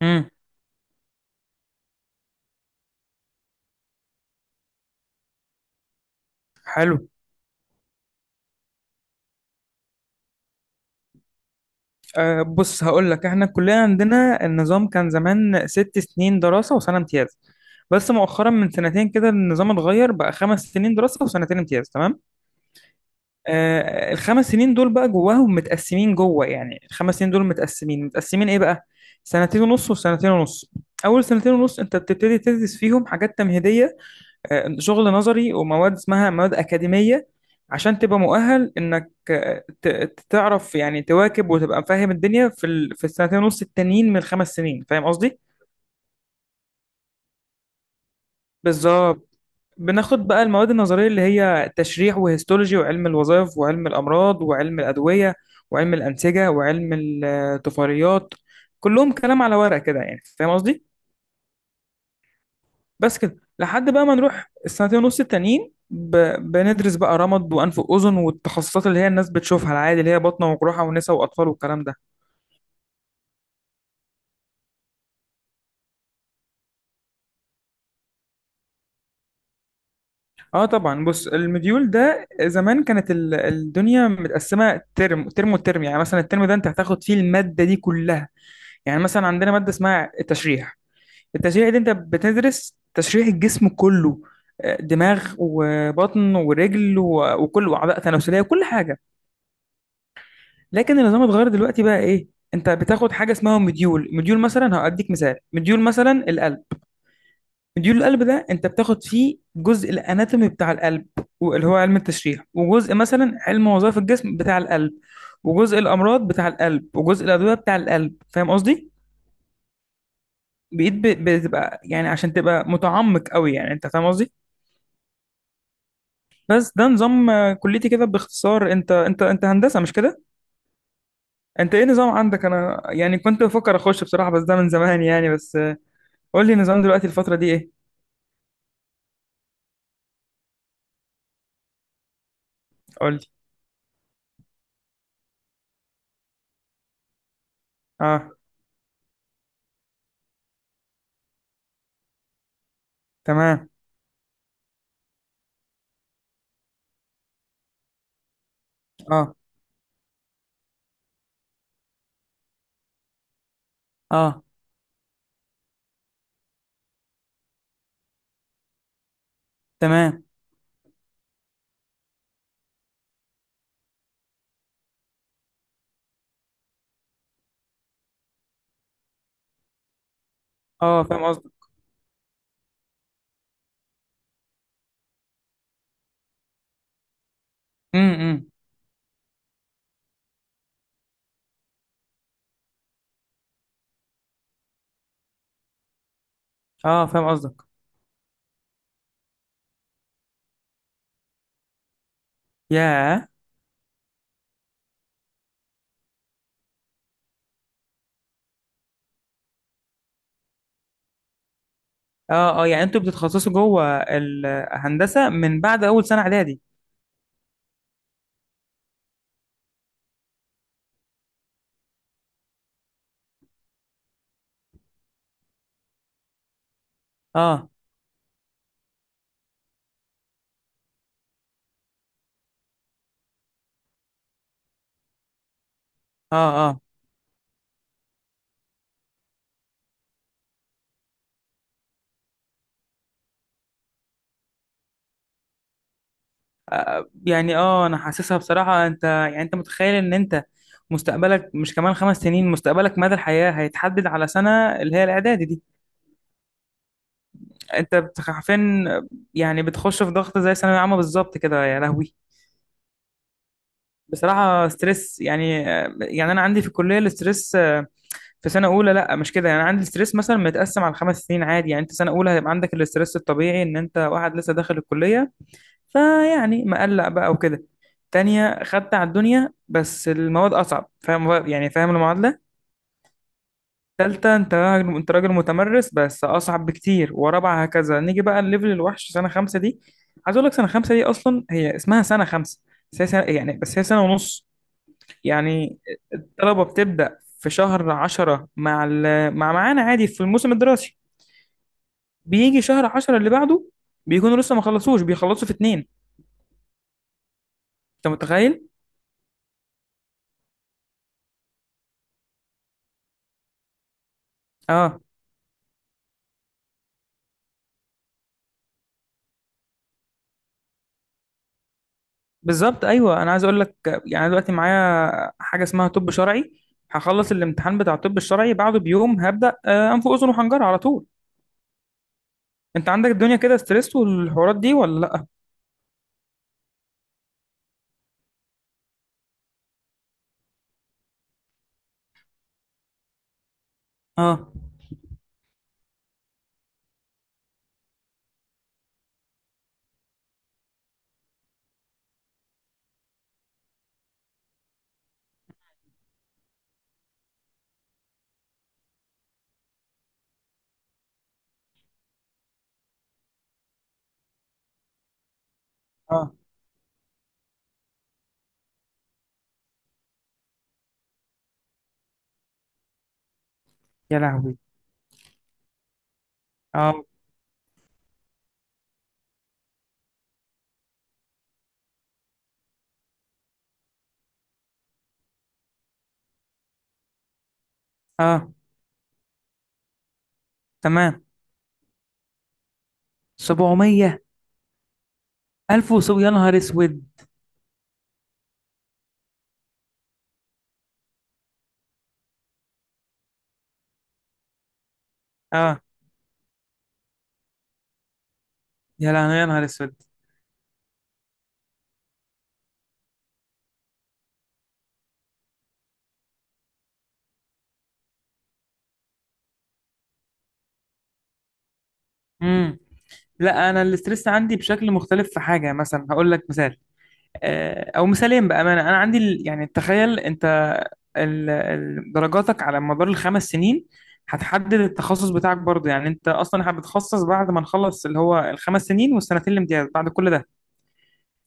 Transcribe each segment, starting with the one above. امم حلو. أه، بص، هقول لك، احنا كلنا عندنا النظام كان زمان 6 سنين دراسة وسنة امتياز. بس مؤخرا من سنتين كده النظام اتغير، بقى خمس سنين دراسة وسنتين امتياز، تمام. أه، الخمس سنين دول بقى جواهم متقسمين جوه، يعني الخمس سنين دول متقسمين ايه بقى؟ سنتين ونص وسنتين ونص. اول سنتين ونص انت بتبتدي تدرس فيهم حاجات تمهيدية، شغل نظري ومواد اسمها مواد أكاديمية، عشان تبقى مؤهل إنك تعرف يعني تواكب وتبقى فاهم الدنيا في في السنتين ونص التانيين من الخمس سنين. فاهم قصدي؟ بالظبط. بناخد بقى المواد النظرية اللي هي تشريح وهيستولوجي وعلم الوظائف وعلم الأمراض وعلم الأدوية وعلم الأنسجة وعلم الطفيليات. كلهم كلام على ورق كده يعني، فاهم قصدي؟ بس كده لحد بقى ما نروح السنتين ونص التانيين بندرس بقى رمد وانف واذن والتخصصات اللي هي الناس بتشوفها العادي، اللي هي باطنه وجراحه ونساء واطفال والكلام ده. اه طبعا، بص، المديول ده زمان كانت الدنيا متقسمه ترم ترم وترم، يعني مثلا الترم ده انت هتاخد فيه الماده دي كلها. يعني مثلا عندنا ماده اسمها التشريح. التشريح دي انت بتدرس تشريح الجسم كله، دماغ وبطن ورجل وكل واعضاء تناسليه، كل حاجه. لكن النظام اتغير دلوقتي، بقى ايه؟ انت بتاخد حاجه اسمها مديول مثلا، هاديك مثال، مديول مثلا القلب. مديول القلب ده انت بتاخد فيه جزء الاناتومي بتاع القلب، اللي هو علم التشريح، وجزء مثلا علم وظائف الجسم بتاع القلب، وجزء الامراض بتاع القلب، وجزء الادويه بتاع القلب. فاهم قصدي؟ بتبقى يعني عشان تبقى متعمق قوي يعني. انت فاهم قصدي؟ بس ده نظام كليتي كده باختصار. انت هندسه مش كده؟ انت ايه نظام عندك؟ انا يعني كنت بفكر اخش بصراحه، بس ده من زمان يعني. بس قول لي نظام دلوقتي، الفترة دي ايه؟ قول لي. اه، تمام. اه، اه، تمام. اه، فاهم قصدك. امم، إمم. اه، فاهم قصدك. ياه. اه، اه، يعني انتوا بتتخصصوا جوه الهندسة من بعد اول سنة اعدادي. اه. اه. اه، يعني اه انا حاسسها بصراحة. انت يعني انت متخيل ان انت مستقبلك مش كمان خمس سنين، مستقبلك مدى الحياة هيتحدد على سنة، اللي هي الاعدادي دي. انت حرفيا يعني بتخش في ضغط زي ثانوية عامة بالظبط كده، يا لهوي. بصراحة ستريس يعني. يعني أنا عندي في الكلية الاستريس في سنة أولى لا مش كده يعني. عندي الاستريس مثلا متقسم على خمس سنين عادي. يعني أنت سنة أولى هيبقى عندك الاستريس الطبيعي إن أنت واحد لسه داخل الكلية، فيعني مقلق بقى وكده. تانية خدت على الدنيا بس المواد أصعب، فاهم يعني فاهم المعادلة. تالتة أنت راجل، أنت راجل متمرس بس أصعب بكتير. ورابعة هكذا. نيجي بقى الليفل الوحش، سنة خمسة دي. عايز أقول لك سنة خمسة دي أصلا هي اسمها سنة خمسة، بس هي سنة يعني، بس هي سنة ونص يعني. الطلبة بتبدأ في شهر 10 مع مع معانا عادي في الموسم الدراسي، بيجي شهر 10 اللي بعده بيكونوا لسه ما خلصوش، بيخلصوا في اتنين. انت متخيل؟ اه، بالظبط. ايوه، انا عايز اقول لك يعني أنا دلوقتي معايا حاجة اسمها طب شرعي، هخلص الامتحان بتاع الطب الشرعي بعده بيوم هبدأ انف واذن وحنجرة على طول. انت عندك الدنيا كده ستريس والحوارات دي ولا لا؟ اه. اه، يا لهوي. اه، اه، تمام. 700، 1000 يا نهار اسود. اه، يا لهوي، يا نهار اسود. امم. لا، انا الاسترس عندي بشكل مختلف. في حاجه مثلا هقول لك مثال، او مثالين، بامانه انا عندي يعني تخيل انت درجاتك على مدار الخمس سنين هتحدد التخصص بتاعك برضه. يعني انت اصلا هتتخصص بعد ما نخلص اللي هو الخمس سنين والسنتين الامتياز، بعد كل ده.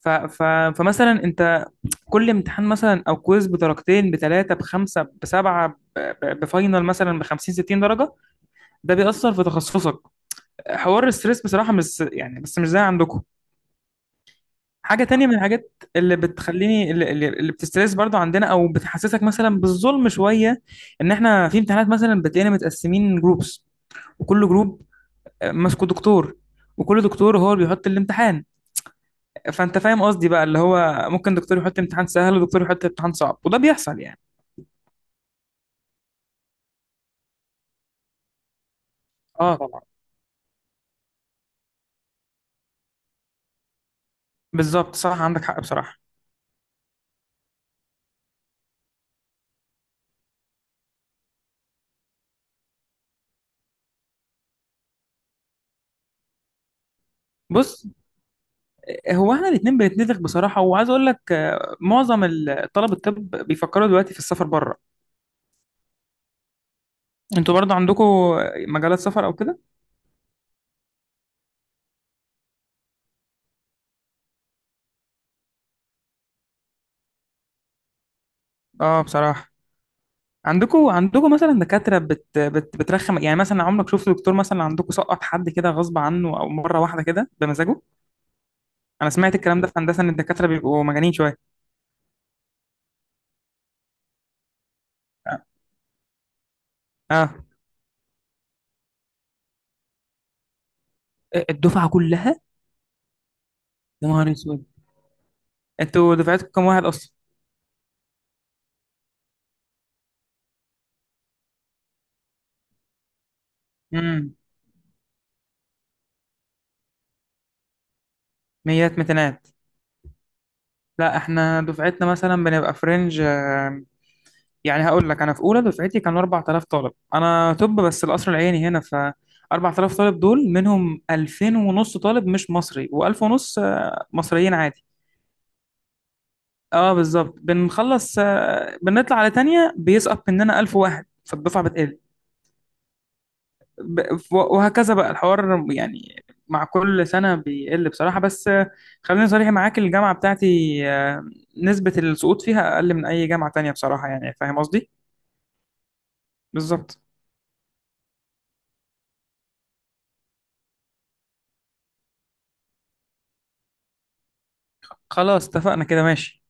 ف ف فمثلا انت كل امتحان مثلا او كويز بدرجتين بثلاثه بخمسه بسبعه، بفاينل مثلا ب 50 60 درجه، ده بيأثر في تخصصك. حوار الستريس بصراحه مش يعني، بس مش زي عندكم. حاجة تانية من الحاجات اللي بتخليني، اللي بتسترس برضو عندنا، أو بتحسسك مثلا بالظلم شوية، إن إحنا في امتحانات مثلا بتلاقينا متقسمين جروبس، وكل جروب ماسكه دكتور، وكل دكتور هو اللي بيحط الامتحان. فأنت فاهم قصدي بقى، اللي هو ممكن دكتور يحط امتحان سهل ودكتور يحط امتحان صعب، وده بيحصل يعني. اه طبعا. بالظبط، صح، عندك حق بصراحة. بص، هو احنا الاتنين بنتنفخ بصراحة. وعايز اقول لك معظم طلب الطب بيفكروا دلوقتي في السفر بره. انتوا برضو عندكم مجالات سفر او كده؟ اه، بصراحة. عندكم مثلا دكاترة بترخم يعني؟ مثلا عمرك شفت دكتور مثلا عندكم سقط حد كده غصب عنه، او مرة واحدة كده بمزاجه؟ انا سمعت الكلام ده في هندسة، ان الدكاترة بيبقوا مجانين شوية. اه. آه. الدفعة كلها. يا نهار اسود. انتوا دفعتكم كام واحد اصلا؟ امم. ميات متنات. لا، احنا دفعتنا مثلا بنبقى فرنج. يعني هقول لك، انا في اولى دفعتي كانوا 4000 طالب. انا طب بس، القصر العيني هنا. ف 4000 طالب دول، منهم 2000 ونص طالب مش مصري، و1000 ونص مصريين عادي. اه، بالظبط. بنخلص، بنطلع على تانية بيسقط مننا 1000 واحد، فالدفعة بتقل، وهكذا بقى الحوار يعني، مع كل سنة بيقل بصراحة. بس خليني صريح معاك، الجامعة بتاعتي نسبة السقوط فيها أقل من أي جامعة تانية بصراحة يعني. فاهم قصدي؟ بالظبط. خلاص، اتفقنا كده، ماشي.